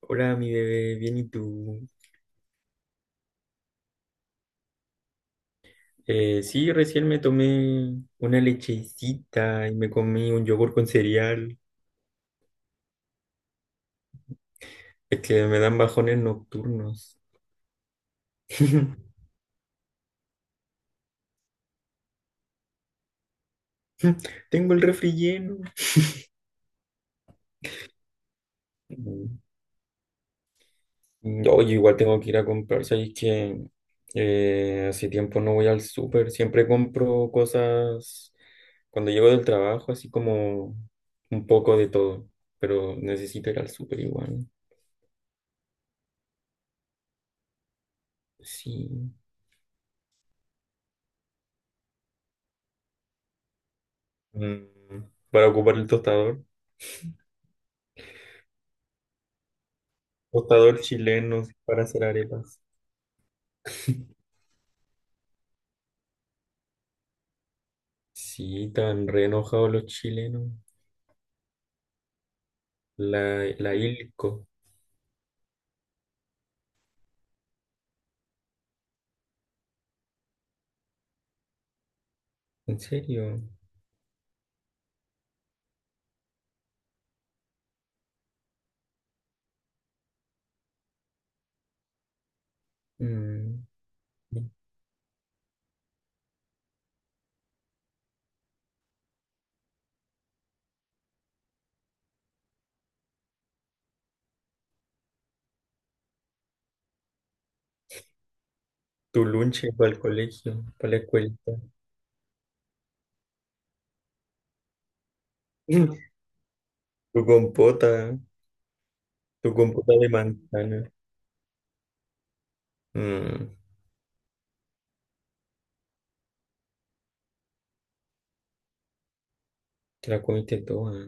Hola, mi bebé, bien, ¿y tú? Sí, recién me tomé una lechecita y me comí un yogur con cereal. Es que me dan bajones nocturnos. Tengo el refri lleno. Mm, Oye, igual tengo que ir a comprar. ¿Sabes que hace tiempo no voy al súper? Siempre compro cosas cuando llego del trabajo, así como un poco de todo, pero necesito ir al súper igual. Sí. Mm, para ocupar el tostador. Tostador chileno, sí, para hacer arepas. Sí, tan re enojados los chilenos. La Ilco. ¿En serio? Mm. Tu lunche para el colegio, para la escuela. Mm. Tu compota, tu compota de manzana. Mm, Te la comiste toda.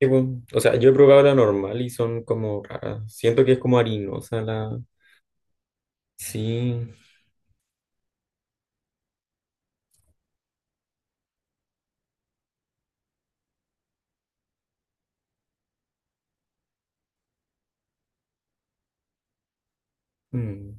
Sí, bueno, o sea, yo he probado la normal y son como raras. Siento que es como harinosa la. Sí. Mm.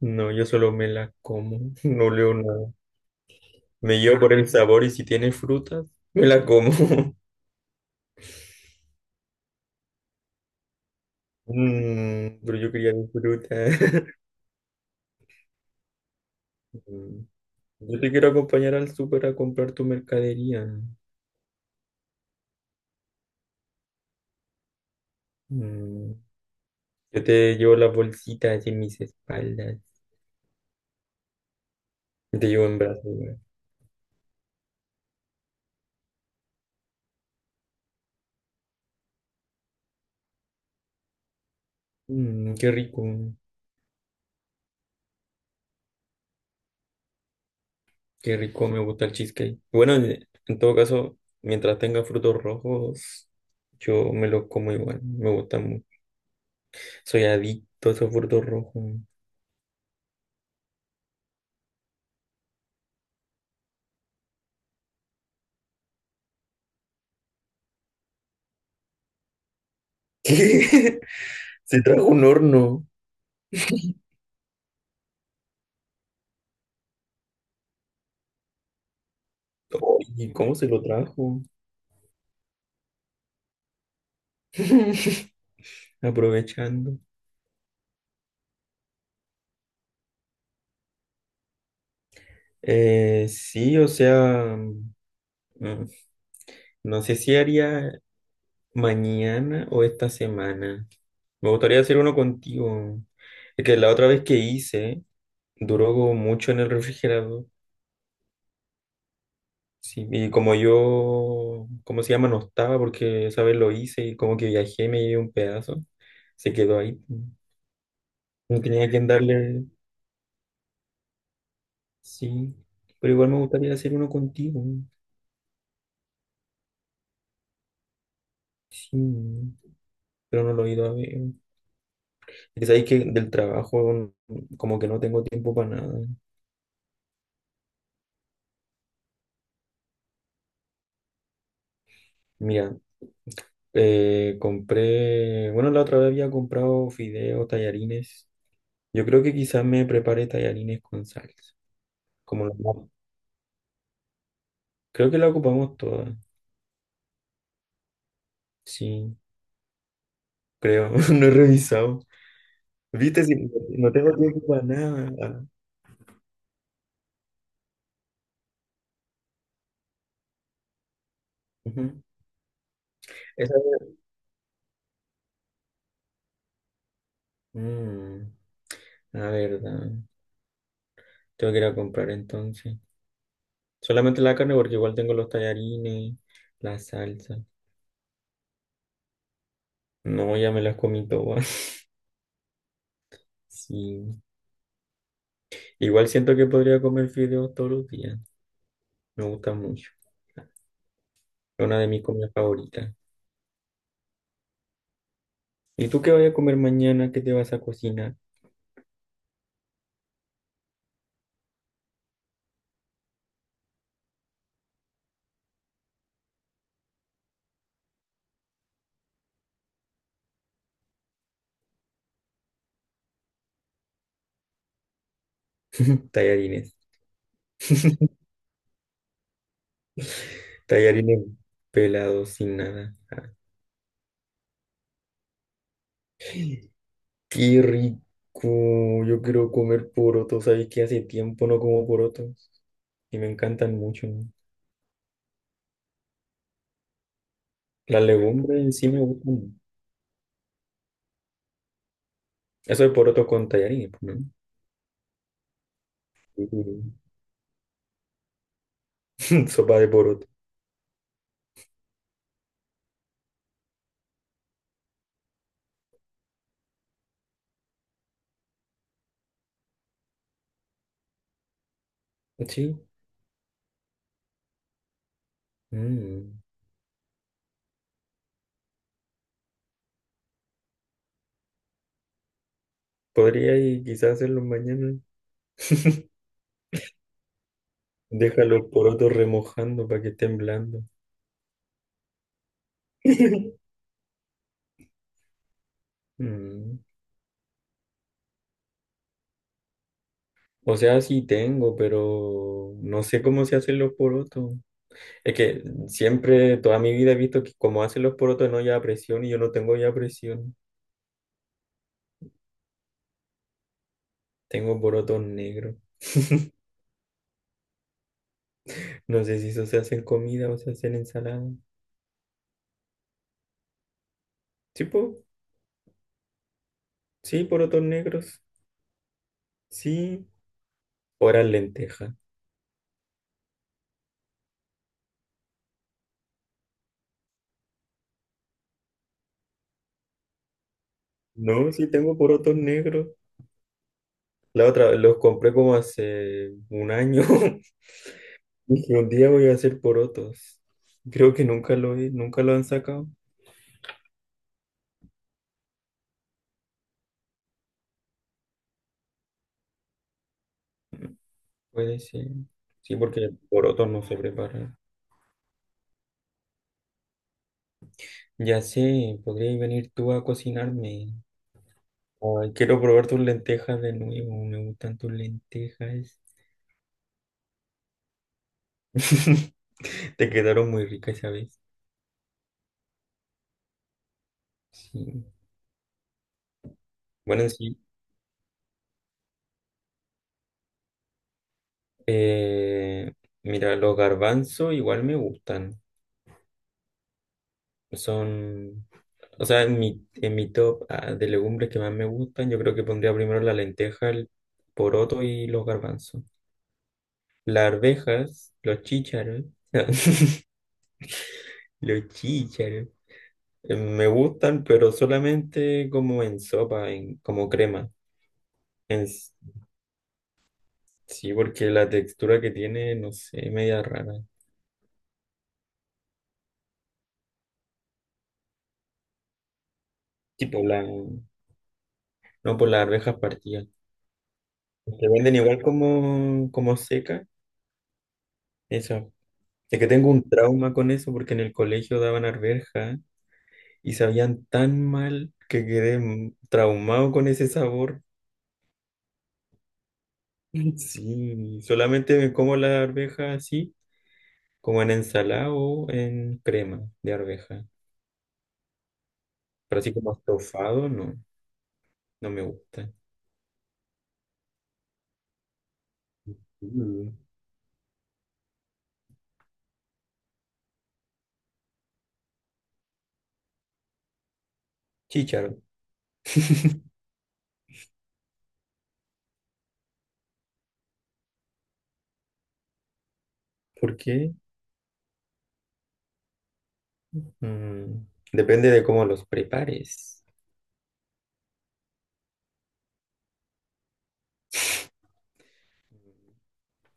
No, yo solo me la como, no leo nada. Me llevo por el sabor y si tiene frutas, me la como. Pero yo quería mi fruta. Mm, Yo te quiero acompañar al súper a comprar tu mercadería. Mm, Yo te llevo las bolsitas en mis espaldas. Yo te llevo en brazos, güey. Qué rico, qué rico, me gusta el cheesecake. Bueno, en todo caso, mientras tenga frutos rojos, yo me los como igual, me gustan. Soy adicto a soporto rojo. ¿Qué? Se trajo un horno. ¿Y cómo se lo trajo? Aprovechando. Sí, o sea, no sé si haría mañana o esta semana. Me gustaría hacer uno contigo. Es que la otra vez que hice, duró como mucho en el refrigerador. Sí, y como yo, ¿cómo se llama? No estaba porque esa vez lo hice y como que viajé me llevé un pedazo. Se quedó ahí. No tenía quien darle, sí. Pero igual me gustaría hacer uno contigo. Sí, pero no lo he ido a ver. Es que sabéis que del trabajo como que no tengo tiempo para nada. Mira, compré, bueno, la otra vez había comprado fideos, tallarines. Yo creo que quizás me prepare tallarines con salsa. Como la- Creo que la ocupamos toda. Sí, creo. No he revisado. Viste, si no tengo tiempo para nada. Ujú. Esa- Mm, la verdad. Tengo que ir a comprar entonces. Solamente la carne porque igual tengo los tallarines, la salsa. No, ya me las comí todas. Sí. Igual siento que podría comer fideos todos los días. Me gusta mucho. Es una de mis comidas favoritas. ¿Y tú qué vas a comer mañana? ¿Qué te vas a cocinar? Tallarines. Tallarines pelados sin nada. ¡Qué rico! Yo quiero comer porotos. Sabes que hace tiempo no como porotos y me encantan mucho, ¿no? Las legumbres en sí me gustan. Eso es poroto con tallarines, pues, ¿no? Sopa de poroto. Sí. Mm. Podría y quizás hacerlo mañana. Deja los porotos remojando para que estén blandos. Mm. O sea, sí tengo, pero no sé cómo se hacen los porotos. Es que siempre, toda mi vida he visto que como hacen los porotos no lleva presión y yo no tengo ya presión. Tengo porotos negros. No sé si eso se hace en comida o se hace en ensalada. Sí, po. Sí, porotos negros. Sí, ahora lentejas. No, sí tengo porotos negros. La otra, los compré como hace un año. Dije, un día voy a hacer porotos. Creo que nunca lo han sacado. Puede ser. Sí, porque porotos no se preparan. Ya sé, podrías venir tú a cocinarme. Ay, quiero probar tus lentejas de nuevo. Me gustan tus lentejas. Te quedaron muy ricas esa vez. Sí. Bueno, sí. Eh, Mira, los garbanzos igual me gustan. Son, o sea, en mi top, de legumbres que más me gustan, yo creo que pondría primero la lenteja, el poroto y los garbanzos. Las arvejas, los chícharos, los chícharos, me gustan, pero solamente como en sopa, como crema. En s- sí, porque la textura que tiene, no sé, media rara. Tipo la, no por las arvejas partidas. Te venden igual como seca. Eso. Es que tengo un trauma con eso porque en el colegio daban arveja y sabían tan mal que quedé traumado con ese sabor. Sí, solamente me como la arveja así, como en ensalada o en crema de arveja. Pero así como estofado, no, no me gusta. Mm. Chícharo. ¿Por qué? Mm, Depende de cómo los prepares.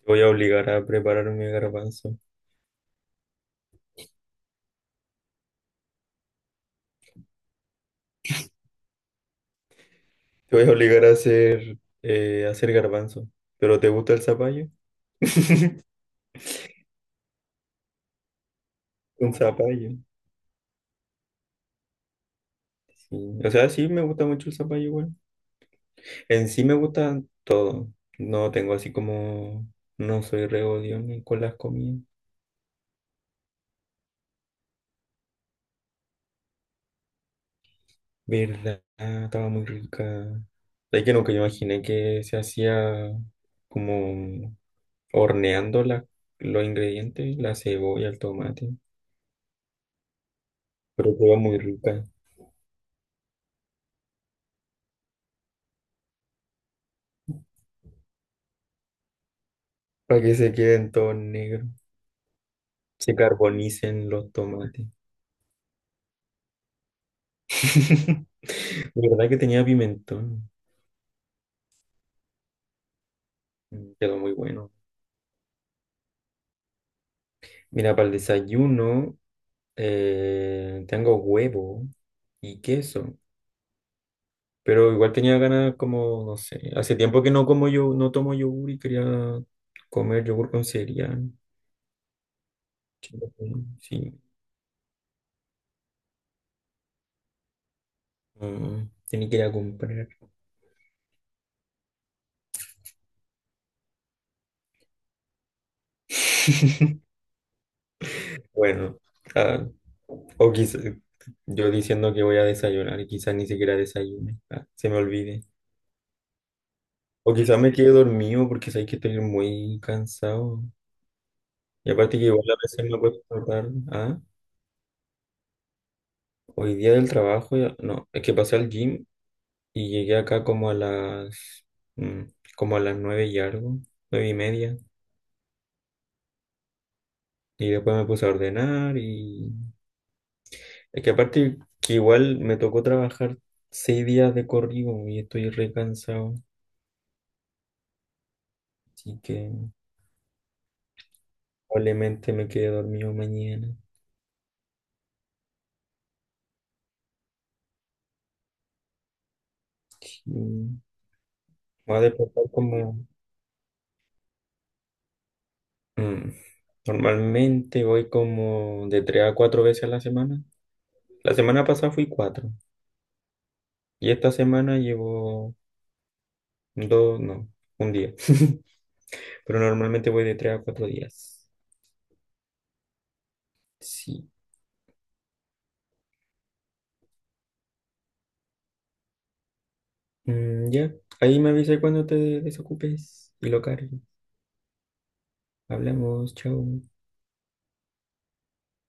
Voy a obligar a prepararme garbanzo. Te voy a obligar a hacer garbanzo. ¿Pero te gusta el zapallo? Un zapallo. Sí. O sea, sí me gusta mucho el zapallo igual. En sí me gusta todo. No tengo así como. No soy re ni con las comidas. ¿Verdad? Estaba muy rica. Es que nunca imaginé que se hacía como horneando los ingredientes, la cebolla, el tomate. Pero estaba muy rica. Para que se queden todos negros. Se carbonicen los tomates. De verdad que tenía pimentón. Quedó muy bueno. Mira, para el desayuno, tengo huevo y queso. Pero igual tenía ganas como, no sé, hace tiempo que no como yo, no tomo yogur y quería comer yogur con cereal. Sí, sí. mm, Tenía que ir a comprar. Bueno, ah, o quizás yo diciendo que voy a desayunar y quizás ni siquiera desayune. Ah, se me olvide. O quizás me quede dormido porque sabéis que estoy muy cansado. Y aparte que igual a veces me acuesto tarde. Ah, hoy día del trabajo. No, es que pasé al gym y llegué acá mm, como a las nueve y algo, 9:30. Y después me puse a ordenar y. Es que aparte que igual me tocó trabajar 6 días de corrido y estoy re cansado. Así que probablemente me quede dormido mañana. Sí. Me voy a despertar como. Mm, Normalmente voy como de tres a cuatro veces a la semana. La semana pasada fui cuatro y esta semana llevo dos, no, un día. Pero normalmente voy de 3 a 4 días. Sí. Ya, ahí me avisa cuando te desocupes y lo cargo. Hablamos, chao.